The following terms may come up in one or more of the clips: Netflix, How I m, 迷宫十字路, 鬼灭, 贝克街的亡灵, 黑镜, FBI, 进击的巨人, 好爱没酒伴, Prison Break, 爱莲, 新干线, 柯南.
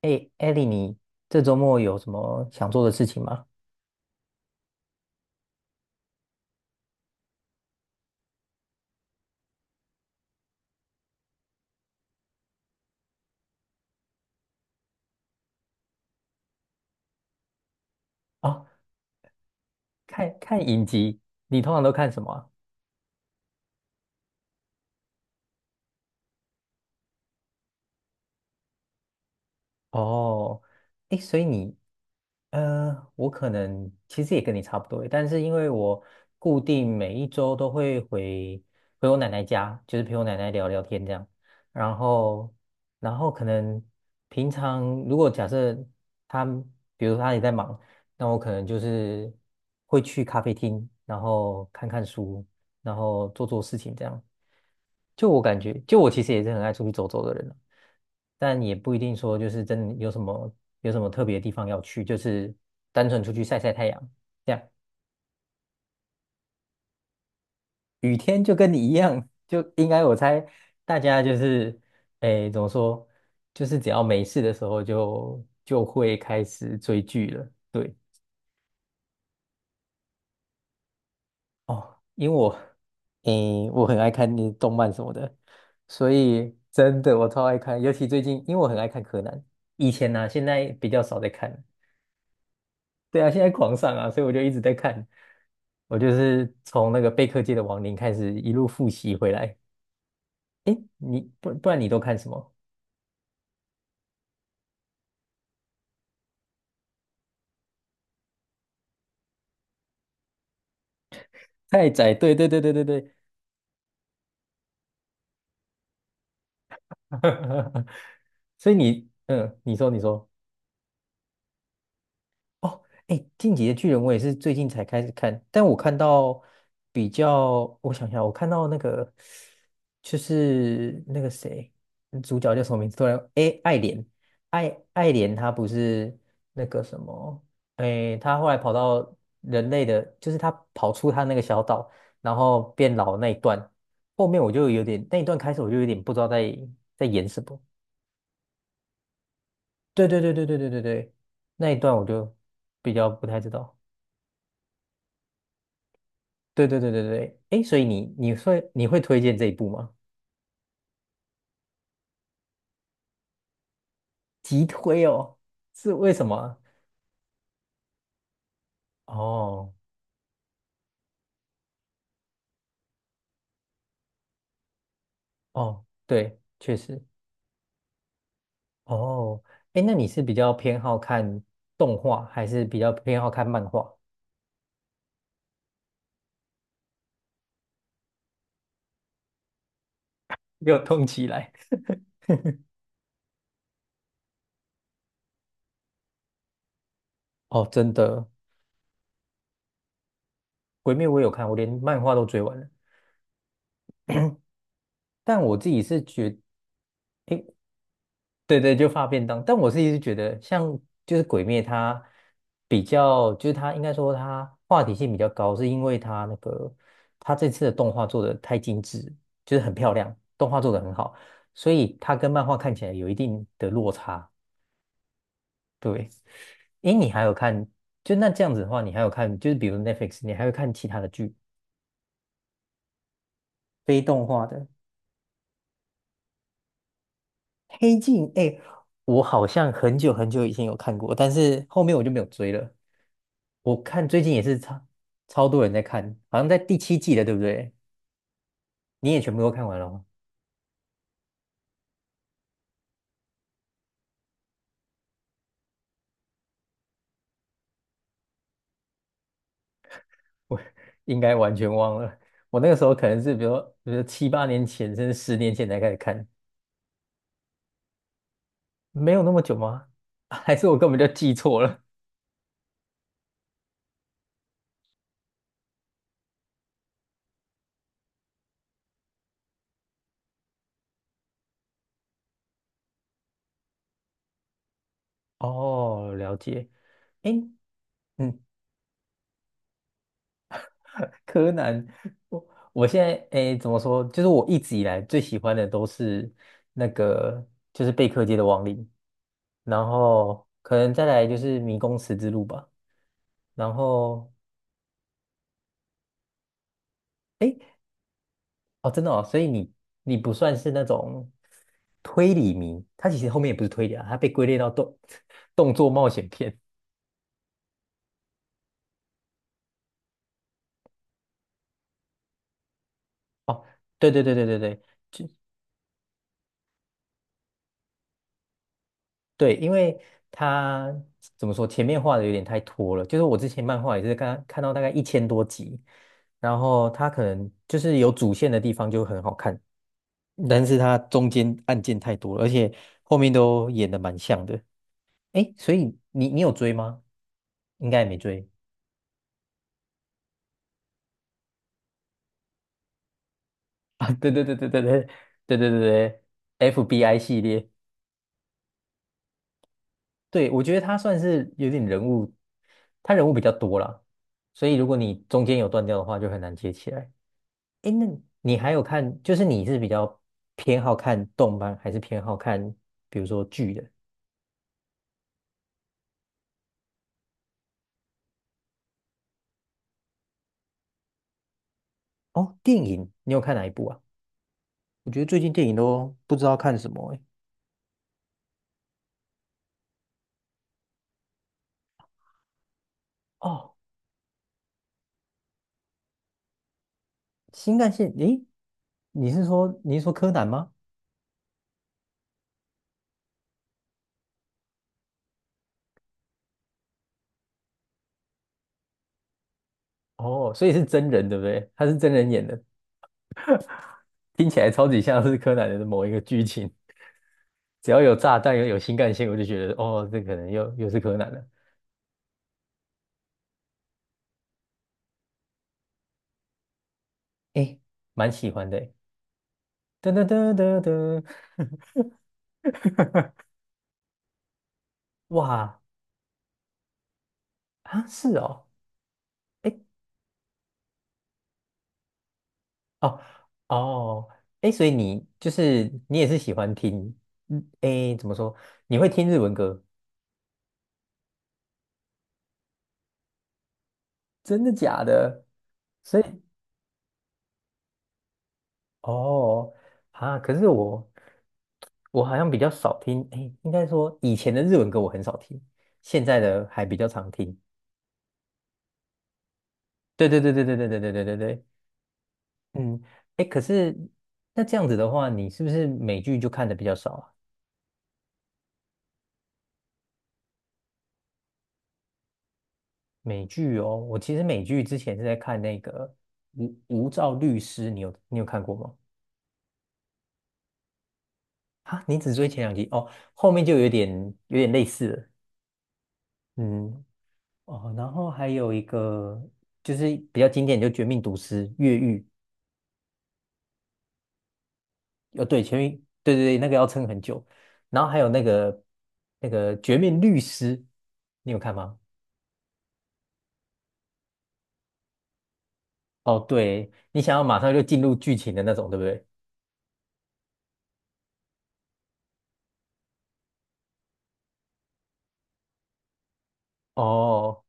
哎，艾莉，你这周末有什么想做的事情吗？啊，看看影集，你通常都看什么啊？哦，哎，所以你。我可能其实也跟你差不多，但是因为我固定每一周都会回我奶奶家，就是陪我奶奶聊聊天这样，然后，可能平常如果假设她，比如说她也在忙，那我可能就是会去咖啡厅，然后看看书，然后做做事情这样。就我感觉，就我其实也是很爱出去走走的人啊，但也不一定说就是真的有什么特别的地方要去，就是单纯出去晒晒太阳这样。雨天就跟你一样，就应该我猜大家就是，哎怎么说，就是只要没事的时候就会开始追剧了。对。哦，因为我，诶，我很爱看那动漫什么的，所以真的我超爱看，尤其最近，因为我很爱看柯南，以前呢、现在比较少在看了。对啊，现在狂上啊，所以我就一直在看。我就是从那个贝课界的亡灵开始一路复习回来。诶，你不然你都看什么？太宰，对对对对对对。所以你，嗯，你说你说。哦，哎，《进击的巨人》我也是最近才开始看，但我看到比较，我想想，我看到那个就是那个谁，主角叫什么名字？突然，哎，爱莲，爱莲，她不是那个什么，哎，她后来跑到人类的，就是她跑出她那个小岛，然后变老那一段，后面我就有点，那一段开始我就有点不知道在演什么。对对对对对对对对，那一段我就比较不太知道。对对对对对，诶，所以你会推荐这一部吗？急推哦，是为什么啊？哦哦，对，确实。哦，诶，那你是比较偏好看动画，还是比较偏好看漫画？没有动起来！哦，真的，《鬼灭》我有看，我连漫画都追完了。但我自己是觉，对对，就发便当。但我自己是一直觉得，像就是《鬼灭》，它比较，就是它应该说它话题性比较高，是因为它那个它这次的动画做的太精致，就是很漂亮，动画做的很好，所以它跟漫画看起来有一定的落差。对，诶，你还有看，就那这样子的话，你还有看，就是比如 Netflix，你还会看其他的剧，非动画的。黑镜，哎，我好像很久很久以前有看过，但是后面我就没有追了。我看最近也是超超多人在看，好像在第七季了，对不对？你也全部都看完了吗？我 应该完全忘了。我那个时候可能是比如说7、8年前，甚至10年前才开始看，没有那么久吗？还是我根本就记错了？哦，了解。哎，嗯，柯南，我我现在诶怎么说？就是我一直以来最喜欢的都是那个，就是贝克街的亡灵，然后可能再来就是迷宫十字路吧。然后诶，哦真的哦，所以你不算是那种推理迷，它其实后面也不是推理啊，它被归类到动作冒险片。哦，对对对对对对，就。对，因为他怎么说，前面画的有点太拖了。就是我之前漫画也是刚看到大概1000多集，然后他可能就是有主线的地方就很好看，但是它中间案件太多了，而且后面都演的蛮像的。哎，所以你有追吗？应该也没追啊。对对对对对对对对对对，FBI 系列，对，我觉得他算是有点人物，他人物比较多啦，所以如果你中间有断掉的话，就很难接起来。哎，那你还有看，就是你是比较偏好看动漫，还是偏好看比如说剧的？哦，电影，你有看哪一部啊？我觉得最近电影都不知道看什么哎，哦，新干线，诶，你是说柯南吗？哦，所以是真人对不对？他是真人演的，听起来超级像是柯南的某一个剧情。只要有炸弹，又有新干线，我就觉得哦，这可能又是柯南了。诶，蛮喜欢的诶。噔噔噔噔噔，哇！啊，是哦，哎，哦，哦，哎，所以你就是你也是喜欢听，嗯，哎，怎么说？你会听日文歌？真的假的？所以，哦，啊，可是我好像比较少听，哎，应该说以前的日文歌我很少听，现在的还比较常听。对对对对对对对对对对对，嗯，哎，可是那这样子的话，你是不是美剧就看的比较少啊？美剧哦，我其实美剧之前是在看那个无照律师，你有看过吗？啊，你只追前2集哦，后面就有点类似了。嗯，哦，然后还有一个就是比较经典，就《绝命毒师》越狱。哦，对，前面对对对，那个要撑很久。然后还有那个《绝命律师》，你有看吗？哦，对，你想要马上就进入剧情的那种，对不对？哦。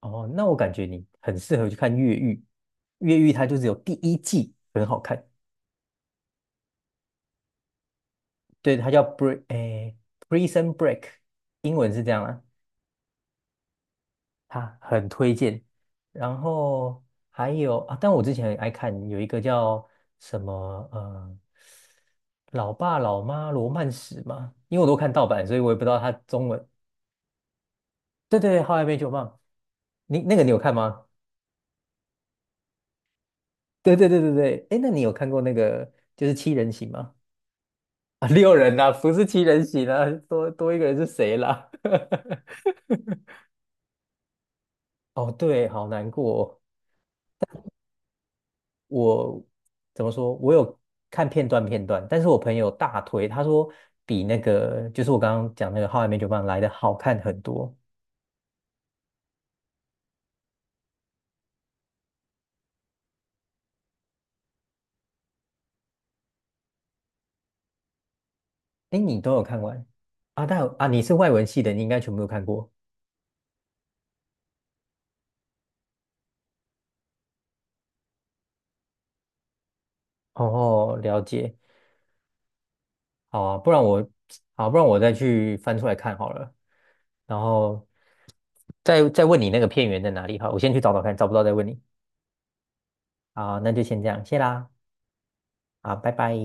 哦，那我感觉你很适合去看越狱。越狱它就只有第一季很好看，对，它叫 Break，诶，Prison Break，英文是这样啦，它很推荐。然后还有啊，但我之前很爱看有一个叫什么呃，老爸老妈罗曼史嘛，因为我都看盗版，所以我也不知道它中文。对对对，How I m 你那个你有看吗？对对对对对，哎，那你有看过那个就是七人行吗？啊，六人呐、不是七人行啊，多一个人是谁啦？哦，对，好难过哦。我怎么说？我有看片段片段，但是我朋友大推，他说比那个就是我刚刚讲那个《好爱没酒伴》来的好看很多。哎，你都有看完啊？但啊，你是外文系的，你应该全部都看过。哦，了解。好啊，不然我好，不然我再去翻出来看好了，然后再问你那个片源在哪里。哈，我先去找找看，找不到再问你。好，那就先这样，谢啦，好，拜拜。